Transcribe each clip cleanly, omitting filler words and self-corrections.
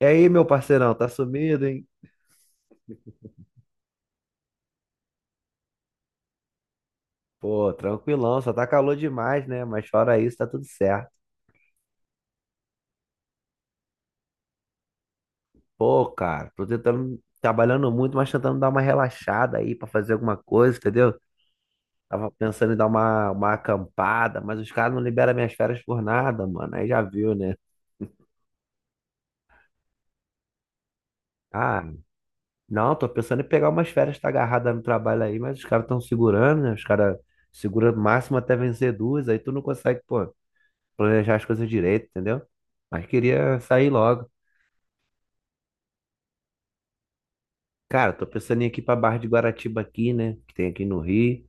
E aí, meu parceirão, tá sumido, hein? Pô, tranquilão, só tá calor demais, né? Mas fora isso, tá tudo certo. Pô, cara, tô tentando, trabalhando muito, mas tentando dar uma relaxada aí pra fazer alguma coisa, entendeu? Tava pensando em dar uma acampada, mas os caras não liberam minhas férias por nada, mano. Aí já viu, né? Ah, não, tô pensando em pegar umas férias, tá agarrada no trabalho aí, mas os caras estão segurando, né? Os caras seguram o máximo até vencer duas, aí tu não consegue, pô, planejar as coisas direito, entendeu? Mas queria sair logo. Cara, tô pensando em ir aqui pra Barra de Guaratiba aqui, né? Que tem aqui no Rio,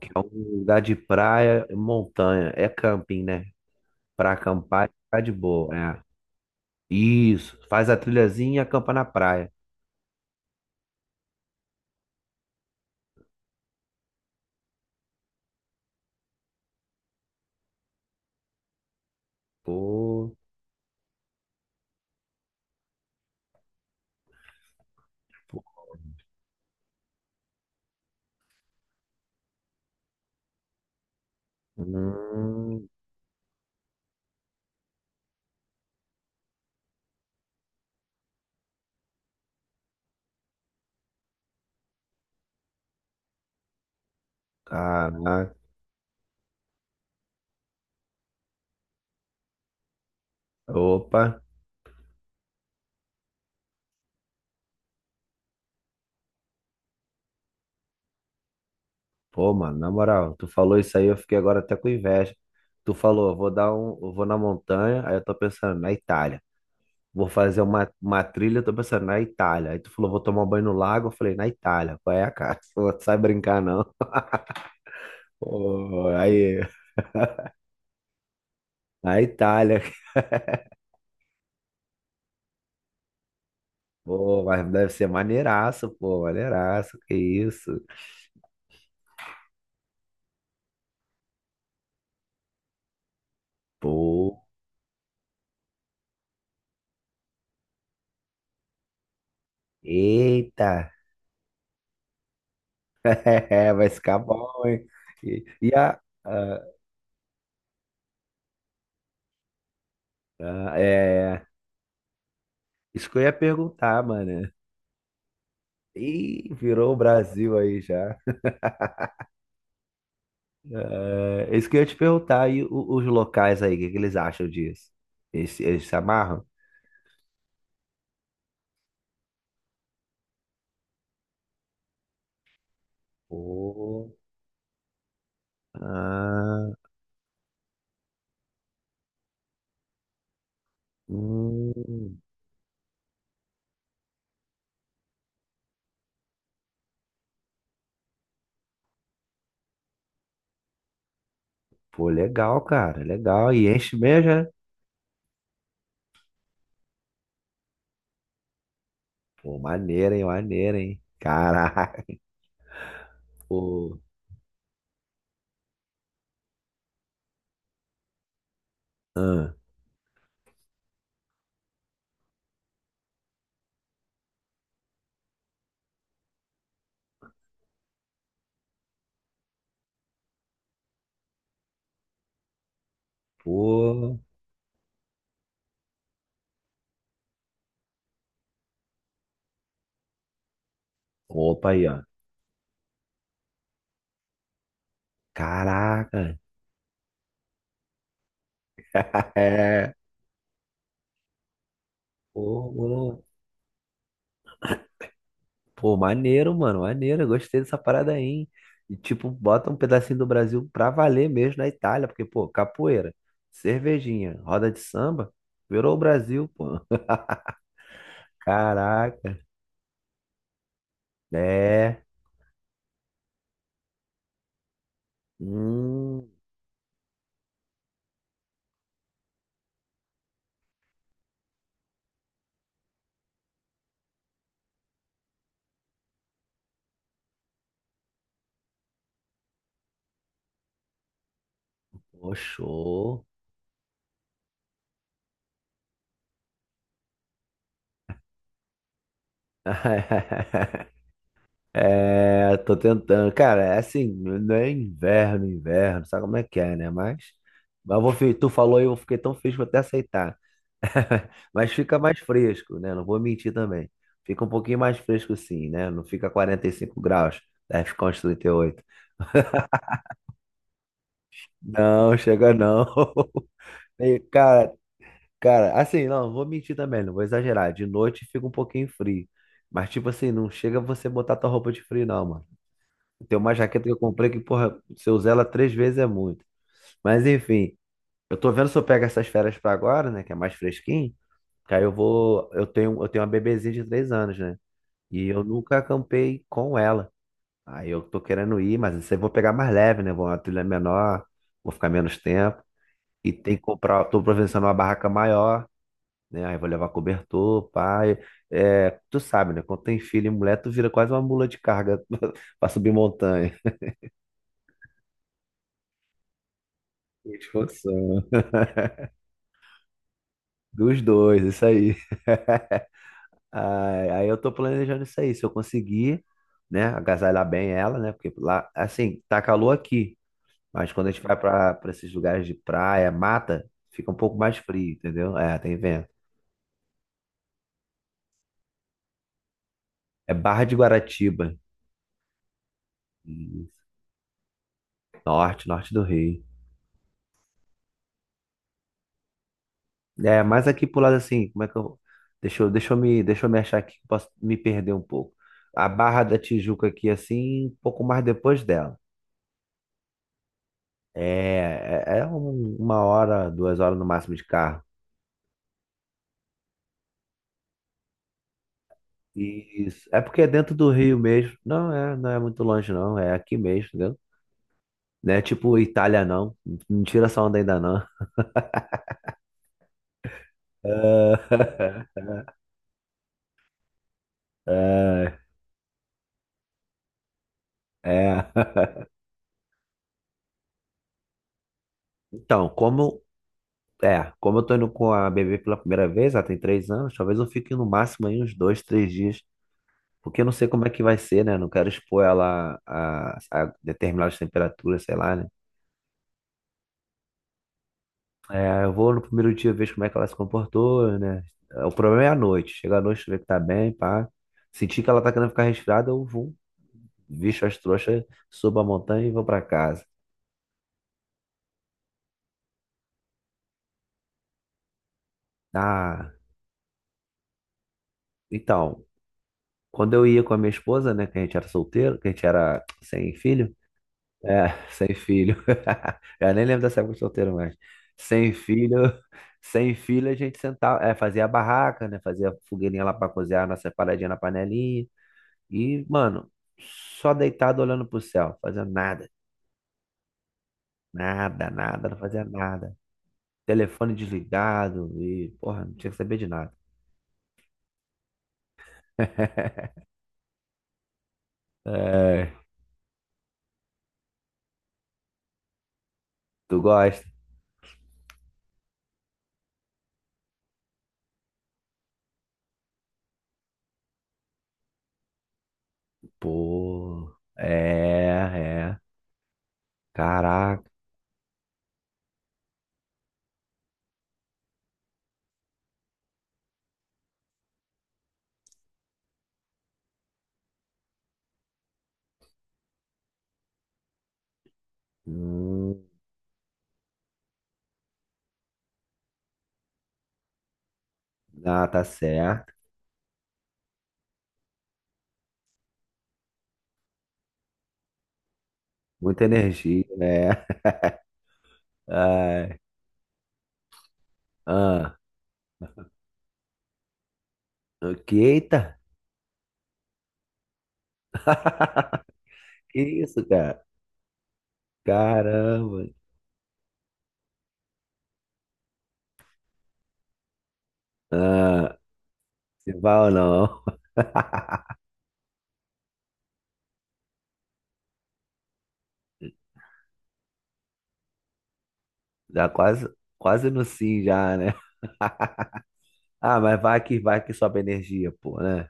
que é um lugar de praia e montanha. É camping, né? Pra acampar, tá de boa. É. Isso. Faz a trilhazinha e acampa na praia. Pô. Hum. Caraca. Opa. Pô, mano, na moral, tu falou isso aí, eu fiquei agora até com inveja. Tu falou, eu vou na montanha, aí eu tô pensando na Itália. Vou fazer uma trilha, eu tô pensando na Itália. Aí tu falou, vou tomar um banho no lago. Eu falei, na Itália. Qual é, cara? Pô, não sai brincar, não. Pô, aí, na Itália. Pô, mas deve ser maneiraço, pô, maneiraço. Que isso? Pô, eita. É, vai ficar bom, hein? E, e a, a- a- é, isso que eu ia perguntar, mano. Ih, virou o Brasil aí já. É, isso que eu ia te perguntar, e os locais aí, o que que eles acham disso? Eles se amarram? Pô, ah, hum, pô, legal, cara, legal. E enche mesmo, né? Pô, maneiro, hein, maneiro, hein? Caraca, pô. Ah, pô. Opa aí, ó. Caraca. É, pô, pô, maneiro, mano, maneiro. Eu gostei dessa parada aí, hein? E, tipo, bota um pedacinho do Brasil pra valer mesmo na Itália, porque, pô, capoeira, cervejinha, roda de samba, virou o Brasil, pô. Caraca. É. Hum, pô, show. É, tô tentando. Cara, é assim, não é inverno, inverno, sabe como é que é, né? Mas eu vou, tu falou e eu fiquei tão feliz que vou até aceitar. Mas fica mais fresco, né? Não vou mentir também. Fica um pouquinho mais fresco sim, né? Não fica 45 graus, deve ficar uns 38. Não, chega não. E, cara, cara, assim, não, não vou mentir também, não vou exagerar. De noite fica um pouquinho frio. Mas, tipo assim, não chega você botar tua roupa de frio, não. Tem uma jaqueta que eu comprei que, porra, se eu usar ela 3 vezes é muito. Mas enfim, eu tô vendo se eu pego essas férias pra agora, né? Que é mais fresquinho. Que aí eu vou. Eu tenho uma bebezinha de 3 anos, né? E eu nunca acampei com ela. Aí eu tô querendo ir, mas isso aí eu vou pegar mais leve, né? Vou uma trilha menor, vou ficar menos tempo. E tem que comprar. Tô providenciando uma barraca maior, né? Aí vou levar cobertor, pai. É, tu sabe, né? Quando tem filho e mulher, tu vira quase uma mula de carga pra subir montanha. Dos dois, isso aí. Ai, aí eu tô planejando isso aí. Se eu conseguir, né, agasalhar bem ela, né? Porque lá, assim, tá calor aqui, mas quando a gente vai pra esses lugares de praia, mata, fica um pouco mais frio, entendeu? É, tem vento. É Barra de Guaratiba. Isso. Norte, norte do Rio. É, mas aqui pro lado assim, como é que eu. Deixa eu me achar aqui, que eu posso me perder um pouco. A Barra da Tijuca aqui, assim, um pouco mais depois dela. É, é 1 hora, 2 horas no máximo de carro. Isso. É porque é dentro do Rio mesmo. Não é, não é muito longe, não. É aqui mesmo, entendeu? Não é tipo Itália, não. Não tira essa onda ainda, não. Ah, ah, é. Então, como. É, como eu tô indo com a bebê pela primeira vez, ela tem 3 anos, talvez eu fique no máximo aí uns 2, 3 dias. Porque eu não sei como é que vai ser, né? Não quero expor ela a determinadas temperaturas, sei lá, né? É, eu vou no primeiro dia ver como é que ela se comportou, né? É, o problema é a noite. Chega à noite, ver que tá bem, pá. Sentir que ela tá querendo ficar resfriada, eu vou, visto as trouxas, subo a montanha e vou pra casa. Ah, então, quando eu ia com a minha esposa, né, que a gente era solteiro, que a gente era sem filho, é, sem filho. Eu nem lembro dessa época de solteiro mais. Sem filho, sem filho a gente sentava, é, fazia a barraca, né, fazia fogueirinha lá para cozinhar a nossa paradinha na panelinha. E, mano, só deitado olhando pro céu, fazendo nada, nada, nada, não fazia nada. Telefone desligado e, porra, não tinha que saber de nada. É, tu gosta? Pô, é, é. Caraca. Hum, ah, tá certo. Muita energia, né? Ai, ah, ok, eita. Que isso, cara? Caramba. Ah, se vai ou não? Já quase, quase no sim já, né? Ah, mas vai que sobe a energia, pô, né?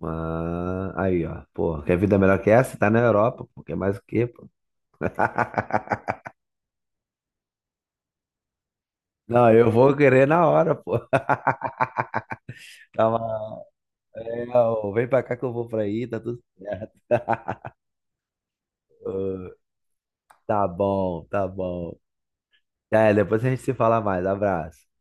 Ah, aí, ó. Pô, quer vida é melhor que essa? Tá na Europa, pô. Quer mais o quê, pô? Não, eu vou querer na hora, pô. Tá, é, ó, vem pra cá que eu vou pra aí, tá tudo certo. Tá bom, tá bom. É, depois a gente se fala mais. Abraço.